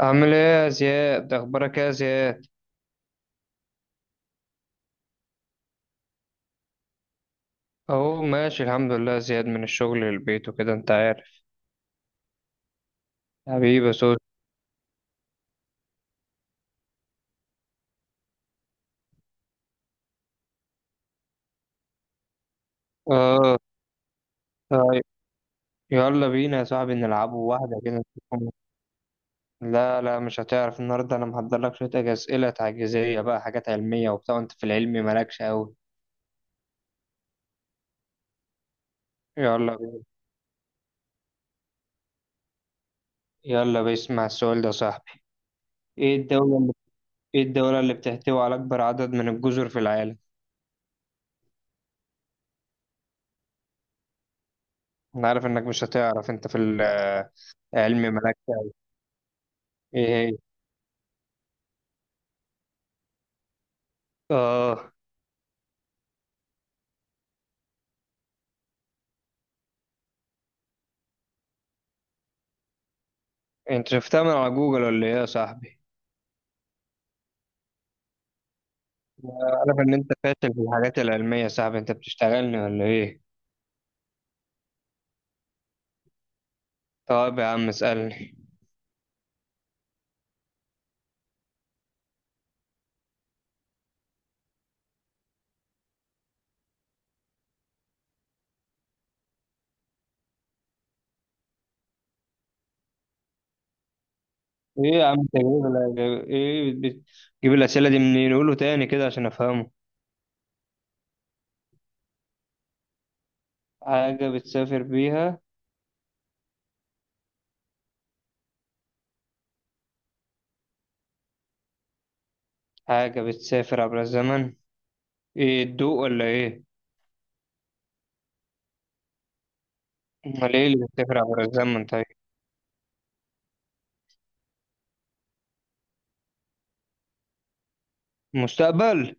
عامل ايه يا زياد، اخبارك ايه يا زياد؟ اهو ماشي الحمد لله يا زياد، من الشغل للبيت وكده انت عارف. حبيبي يا سوس. اه. طيب. يلا بينا يا صاحبي نلعبوا واحدة كده نشوفهم. لا لا مش هتعرف النهاردة، انا محضر لك شوية أسئلة تعجيزية بقى، حاجات علمية وبتاع، وانت في العلم مالكش قوي. يلا بينا. يلا بيسمع السؤال ده يا صاحبي. ايه الدولة اللي ايه الدولة اللي بتحتوي على اكبر عدد من الجزر في العالم؟ انا عارف انك مش هتعرف، انت في العلم مالكش قوي. ايه هي؟ اه. انت شفتها من على جوجل ولا ايه يا صاحبي؟ عارف ان انت فاشل في الحاجات العلمية يا صاحبي، انت بتشتغلني ولا ايه؟ طب يا عم اسألني. ايه يا عم تجيب، ايه بت- بتجيب الأسئلة دي منين؟ قوله تاني كده عشان افهمه. حاجة بتسافر بيها. حاجة بتسافر عبر الزمن؟ ايه، الضوء ولا ايه؟ امال ايه اللي بتسافر عبر الزمن طيب؟ مستقبل.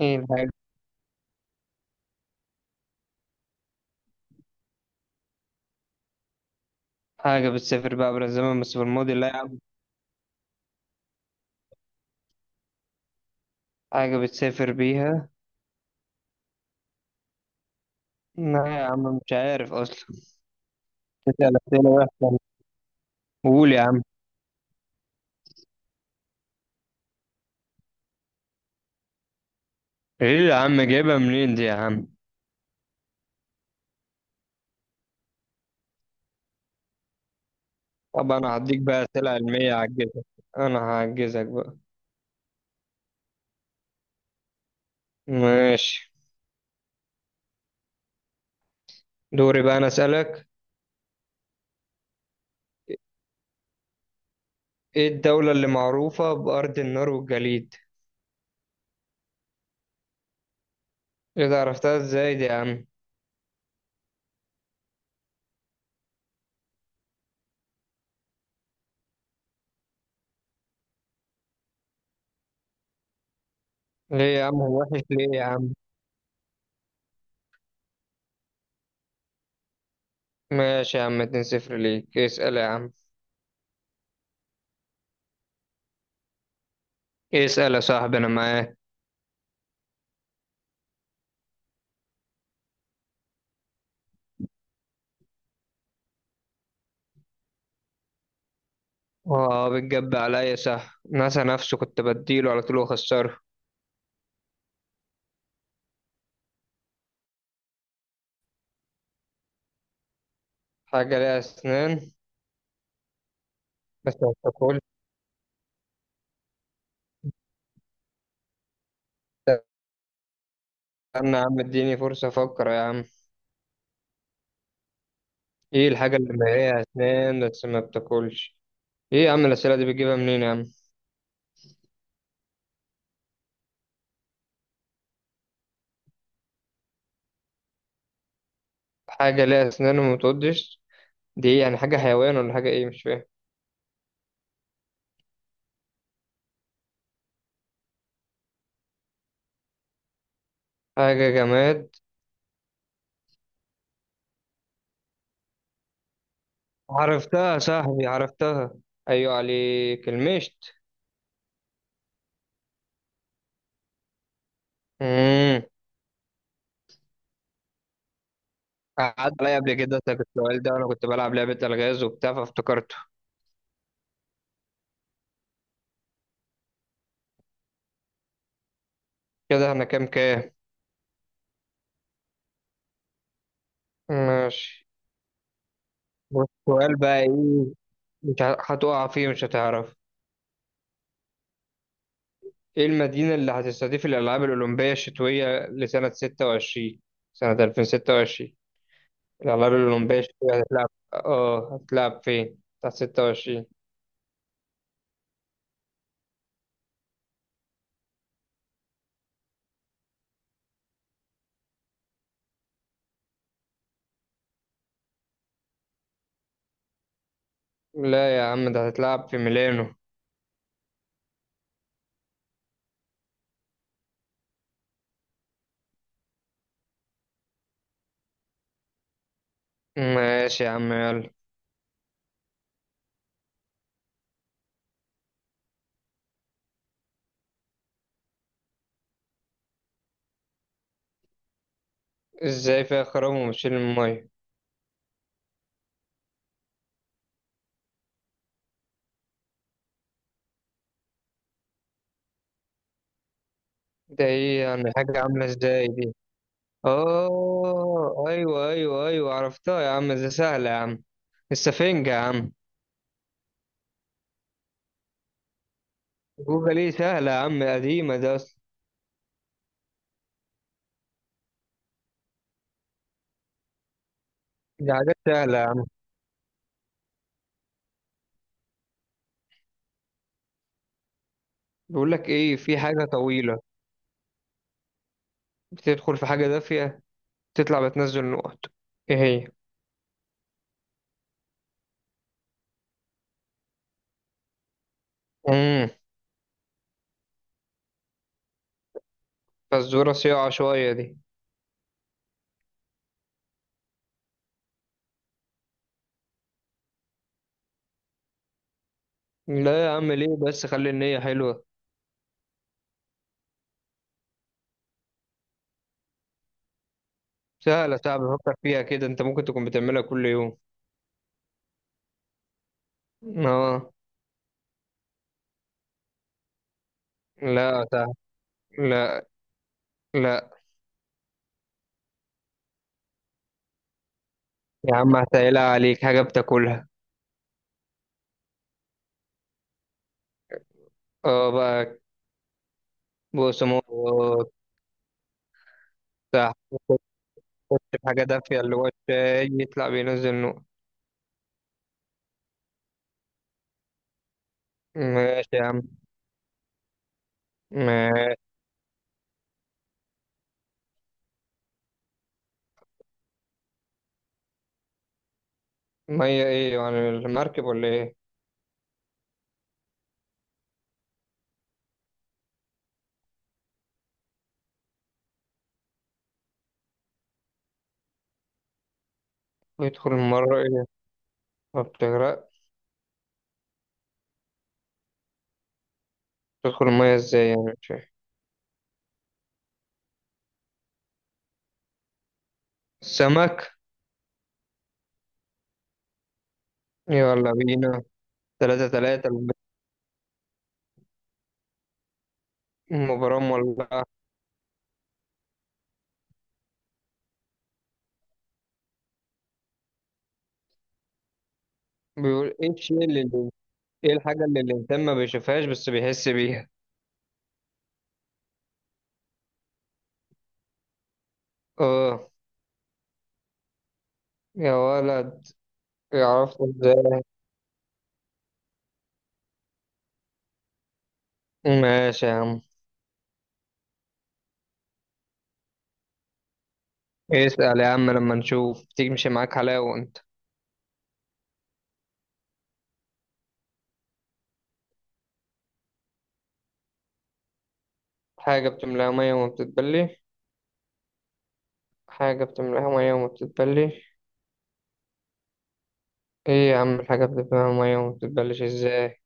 ايه الحاجة؟ حاجة بتسافر بيها عبر الزمن بس في الماضي؟ لا يا عم. حاجة بتسافر بيها. لا يا عم مش عارف اصلا. بتسأل أسئلة وحشة. قول يا عم. ايه يا عم جايبها منين دي يا عم؟ طب انا هديك بقى اسئله علميه هعجزك. انا هعجزك بقى. ماشي. دوري بقى انا اسالك. ايه الدوله اللي معروفه بارض النار والجليد؟ ايه ده عرفتها ازاي دي يا عم؟ ليه يا عم هو وحش ليه يا عم؟ ماشي يا عم، 2-0 ليك. اسال يا عم. اسال يا صاحبي انا معاك. اه بتجب عليا صح، ناسا نفسه كنت بديله على طول واخسره. حاجه ليها اسنان بس ما بتاكلش. استنى يا عم اديني فرصه افكر يا عم. ايه الحاجة اللي ليها أسنان بس ما بتاكلش؟ ايه يا عم الأسئلة دي بتجيبها منين يا عم؟ حاجة ليها أسنان وما بتعضش. دي ايه يعني؟ حاجة حيوان ولا حاجة ايه مش فاهم؟ حاجة جماد. عرفتها يا صاحبي عرفتها. أيوة عليك المشت. امم. قعدت عليا قبل كده أسألك السؤال ده وأنا كنت بلعب لعبة ألغاز وبتاع فافتكرته. كده احنا كام كام؟ ماشي. والسؤال بقى ايه؟ مش ه- هتقع فيه مش هتعرف. إيه المدينة اللي هتستضيف الألعاب الأولمبية الشتوية لسنة 26، سنة 2026؟ الألعاب الأولمبية الشتوية هتتلعب، هتتلعب فين؟ بتاعت 26. لا يا عم ده هتتلعب في ميلانو. ماشي يا عم يلا. إزاي فيها خرام وبتشيل المية؟ ده إيه يعني؟ حاجة عاملة إزاي دي؟ آه أيوه أيوه أيوه عرفتها يا عم، ده سهلة يا عم. السفنجة يا عم. جوجل إيه، سهلة يا عم، قديمة ده أصلا. دي حاجات سهلة يا عم. بيقول لك إيه، في حاجة طويلة بتدخل في حاجة دافية تطلع بتنزل نقط، ايه هي؟ امم. فالزورة صياعة شوية دي. لا يا عم ليه بس، خلي النية حلوة. سهلة، صعب بفكر فيها كده، انت ممكن تكون بتعملها كل يوم. اه. لا. سهل لا. لا يا عم هسهلها عليك، حاجة بتاكلها. اه بقى. بقسماط. تحت. تخش في حاجة دافية اللي هو الشاي، يطلع بينزل نقط. ماشي يا عم. ماشي. مية ايه يعني؟ المركب ولا ايه؟ بيدخل مرة ايه؟ ما بتغرق. تدخل المية ازاي يعني مش فاهم. السمك. يلا بينا. تلاتة تلاتة. المباراة مولعة. بيقول ايه الشيء اللي، ايه الحاجة اللي الإنسان ما بيشوفهاش بس بيحس بيها؟ اه. يا ولد. عرفت ازاي؟ ماشي يا عم. اسأل يا عم لما نشوف، تمشي معاك حلاوة انت. حاجة بتملاها مية وما بتتبلي. حاجة بتملاها مية وما بتتبلي. ايه يا عم الحاجة بتملاها مية وما بتتبلش ازاي؟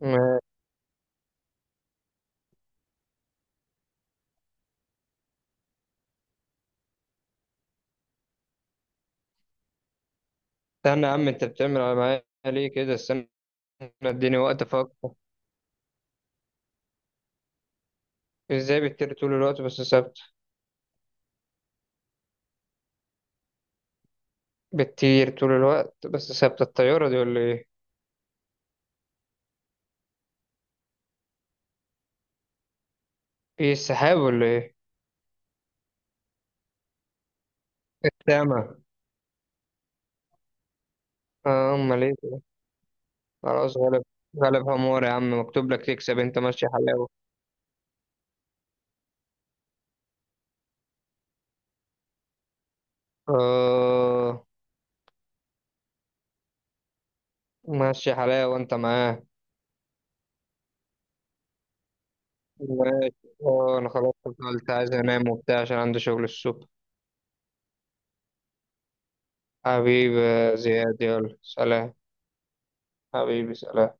ما- استنى يا عم، انت بتعمل على معايا ليه كده؟ استنى. اديني وقت افكر. ازاي بتطير طول الوقت بس ثابتة؟ بتطير طول الوقت بس ثابتة، الطيارة دي ولا ايه؟ ايه، السحاب ولا ايه؟ السما. اه امال ايه ده؟ خلاص غلب. غلب همور يا عم، مكتوب لك تكسب انت، ماشي حلاوة. اه. ماشي حلاوة انت معاه. ماشي. اه انا خلاص كنت عايز انام وبتاع عشان عندي شغل الصبح. حبيبي يا زياد، يلا سلام. حبيبي سلام.